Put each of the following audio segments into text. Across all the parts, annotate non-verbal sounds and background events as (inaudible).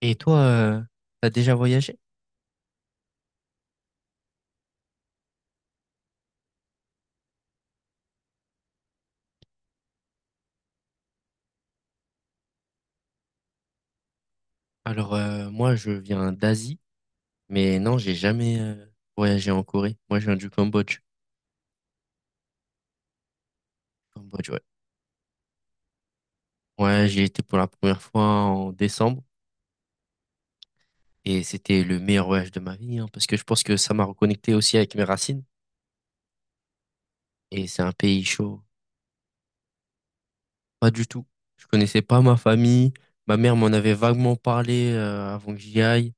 Et toi, t'as déjà voyagé? Alors, moi, je viens d'Asie, mais non, j'ai jamais voyagé en Corée. Moi, je viens du Cambodge. Cambodge, ouais. Ouais, j'y étais pour la première fois en décembre et c'était le meilleur voyage de ma vie, hein, parce que je pense que ça m'a reconnecté aussi avec mes racines et c'est un pays chaud. Pas du tout. Je connaissais pas ma famille. Ma mère m'en avait vaguement parlé avant que j'y aille,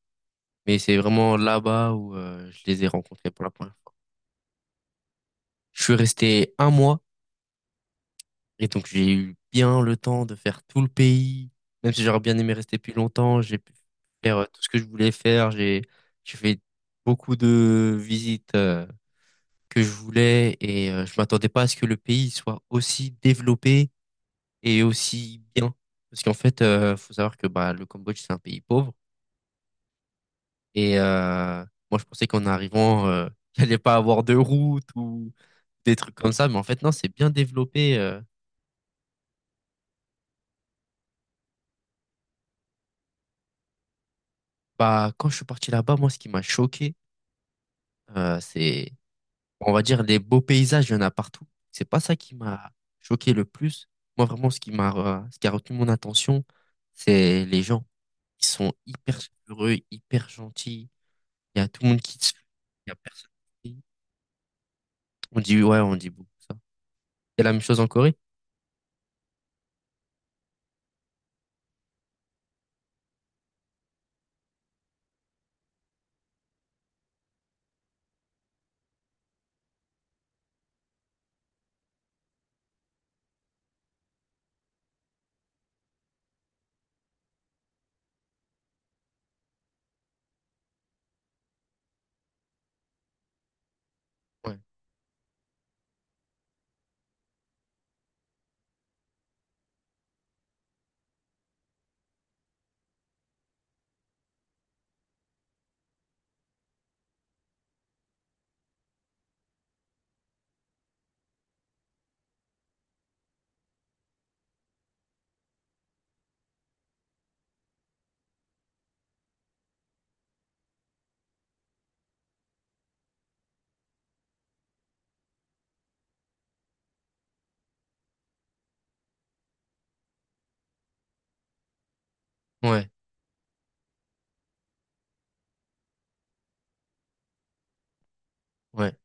mais c'est vraiment là-bas où je les ai rencontrés pour la première fois. Je suis resté un mois. Et donc, j'ai eu bien le temps de faire tout le pays. Même si j'aurais bien aimé rester plus longtemps, j'ai pu faire tout ce que je voulais faire. J'ai fait beaucoup de visites que je voulais et je m'attendais pas à ce que le pays soit aussi développé et aussi bien. Parce qu'en fait, faut savoir que bah, le Cambodge, c'est un pays pauvre. Et moi, je pensais qu'en arrivant, (laughs) il allait pas avoir de route ou des trucs comme ça. Mais en fait, non, c'est bien développé. Bah, quand je suis parti là-bas, moi, ce qui m'a choqué, c'est, on va dire, les beaux paysages, il y en a partout. C'est pas ça qui m'a choqué le plus. Moi, vraiment, ce qui a retenu mon attention, c'est les gens. Ils sont hyper chaleureux, hyper gentils. Il y a tout le monde qui te sourit. Il y a personne qui... On dit, ouais, on dit beaucoup ça. C'est la même chose en Corée? Ouais, ouais, ouais,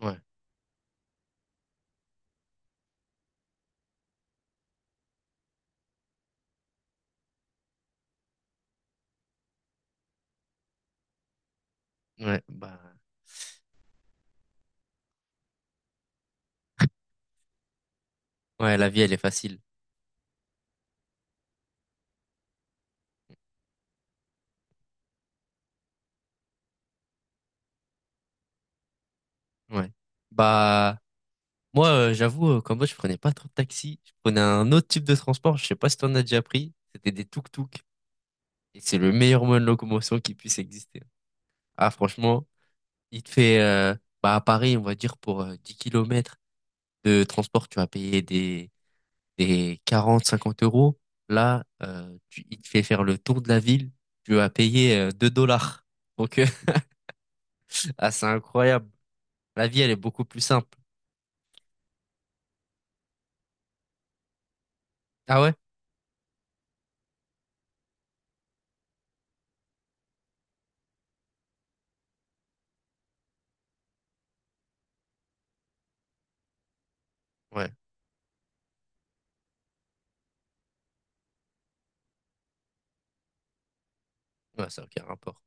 ouais, ouais, bah, ouais, la vie, elle est facile. Ouais. Bah, moi, j'avoue, qu'en mode, je prenais pas trop de taxi. Je prenais un autre type de transport. Je sais pas si t'en as déjà pris. C'était des tuk-tuk. Et c'est le meilleur moyen de locomotion qui puisse exister. Ah, franchement, il te fait, bah, à Paris, on va dire, pour 10 km de transport, tu vas payer des 40 50 euros. Là, il te fait faire le tour de la ville, tu vas payer 2 dollars. Donc, (laughs) ah, c'est incroyable. La vie, elle est beaucoup plus simple. Ah ouais? Ouais, ouais, ça n'a aucun rapport.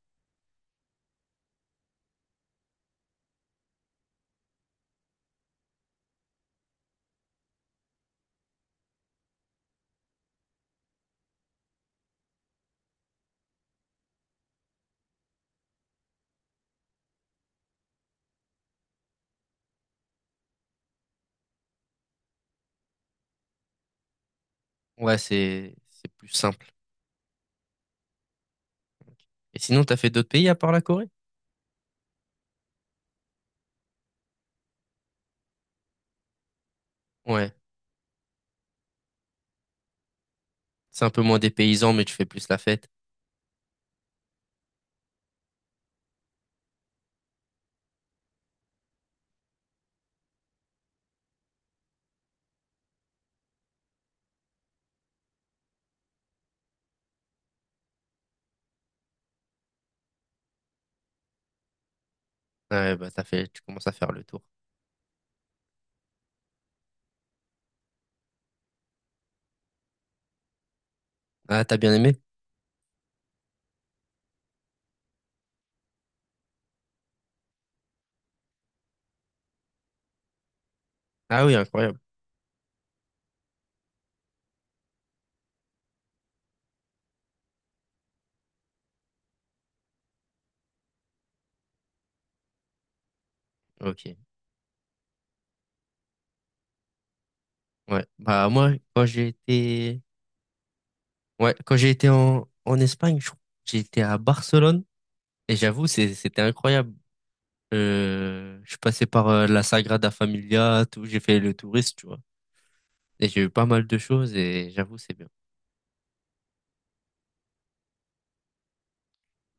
Ouais, c'est plus simple. Et sinon, t'as fait d'autres pays à part la Corée? Ouais, c'est un peu moins des paysans, mais tu fais plus la fête. Ah ouais, bah, t'as fait, tu commences à faire le tour. Ah, t'as bien aimé? Ah oui, incroyable. Ok. Ouais. Bah moi, quand j'ai été, ouais, quand j'ai été en Espagne, j'ai été à Barcelone et j'avoue, c'était incroyable. Je suis passé par la Sagrada Familia, tout, j'ai fait le touriste, tu vois. Et j'ai eu pas mal de choses et j'avoue, c'est bien.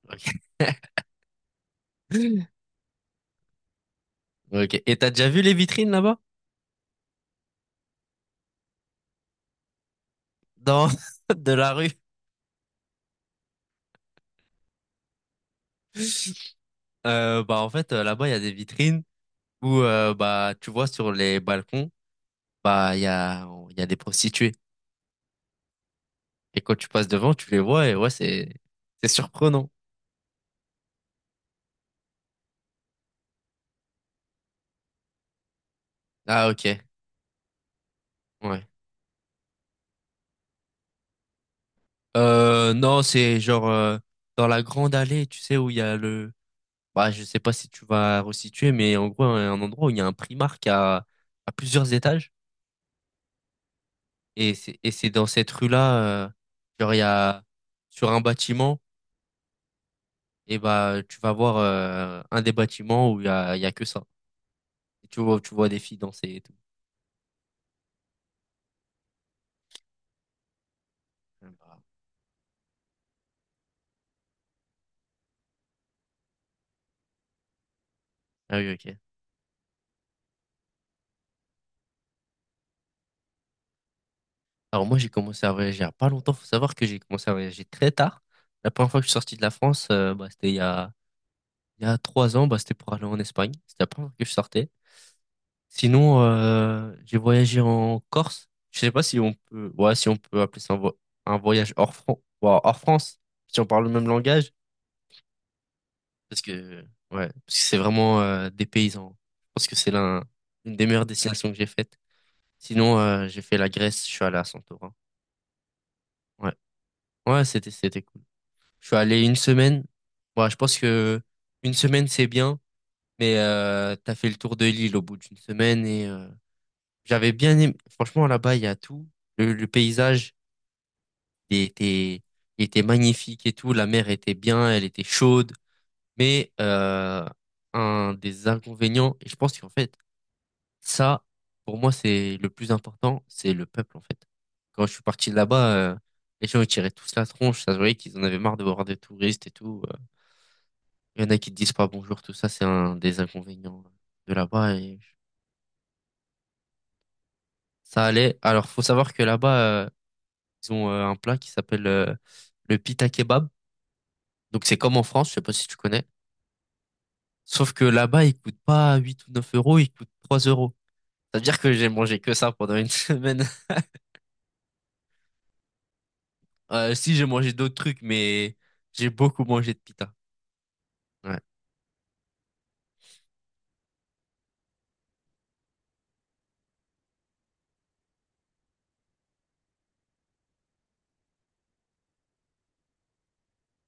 Ok. (laughs) Ok. Et t'as déjà vu les vitrines là-bas? Dans (laughs) de la rue? Bah en fait, là-bas, il y a des vitrines où bah tu vois sur les balcons, bah il y a des prostituées. Et quand tu passes devant, tu les vois et ouais, c'est surprenant. Ah ok, ouais. Non, c'est genre dans la grande allée, tu sais où il y a le, bah je sais pas si tu vas resituer, mais en gros un endroit où il y a un Primark à plusieurs étages et c'est dans cette rue-là, genre il y a sur un bâtiment et bah tu vas voir un des bâtiments où il y a que ça. Et tu vois des filles danser et tout. Ah bah, ah oui ok. Alors moi, j'ai commencé à voyager il y a pas longtemps. Faut savoir que j'ai commencé à voyager très tard. La première fois que je suis sorti de la France, bah, c'était il y a 3 ans. Bah, c'était pour aller en Espagne. C'était la première fois que je sortais. Sinon, j'ai voyagé en Corse. Je sais pas si on peut, ouais, si on peut appeler ça un voyage ouais, hors France, si on parle le même langage, parce que ouais, parce que c'est vraiment des paysans. Je pense que c'est une des meilleures destinations que j'ai faites. Sinon, j'ai fait la Grèce. Je suis allé à Santorin. Ouais, ouais, c'était cool. Je suis allé une semaine. Moi, je pense que une semaine, c'est bien, mais t'as fait le tour de l'île au bout d'une semaine et j'avais bien aimé. Franchement, là-bas, il y a tout. Le paysage il était, il était magnifique et tout. La mer était bien, elle était chaude. Mais un des inconvénients, et je pense qu'en fait, ça, pour moi, c'est le plus important, c'est le peuple, en fait. Quand je suis parti de là-bas, les gens, ils tiraient tous la tronche. Ça se voyait qu'ils en avaient marre de voir des touristes et tout. Il y en a qui te disent pas bonjour, tout ça, c'est un des inconvénients de là-bas. Et ça allait. Alors, faut savoir que là-bas, euh, ils ont un plat qui s'appelle le pita kebab. Donc, c'est comme en France, je sais pas si tu connais. Sauf que là-bas, il coûte pas 8 ou 9 euros, il coûte 3 euros. C'est-à-dire que j'ai mangé que ça pendant une (laughs) semaine. Si, j'ai mangé d'autres trucs, mais j'ai beaucoup mangé de pita. Ouais,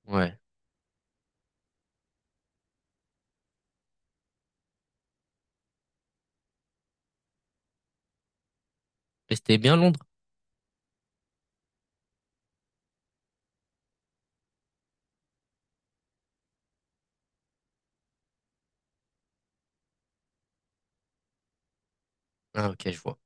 ouais. Et c'était bien Londres? Ah, ok, je vois.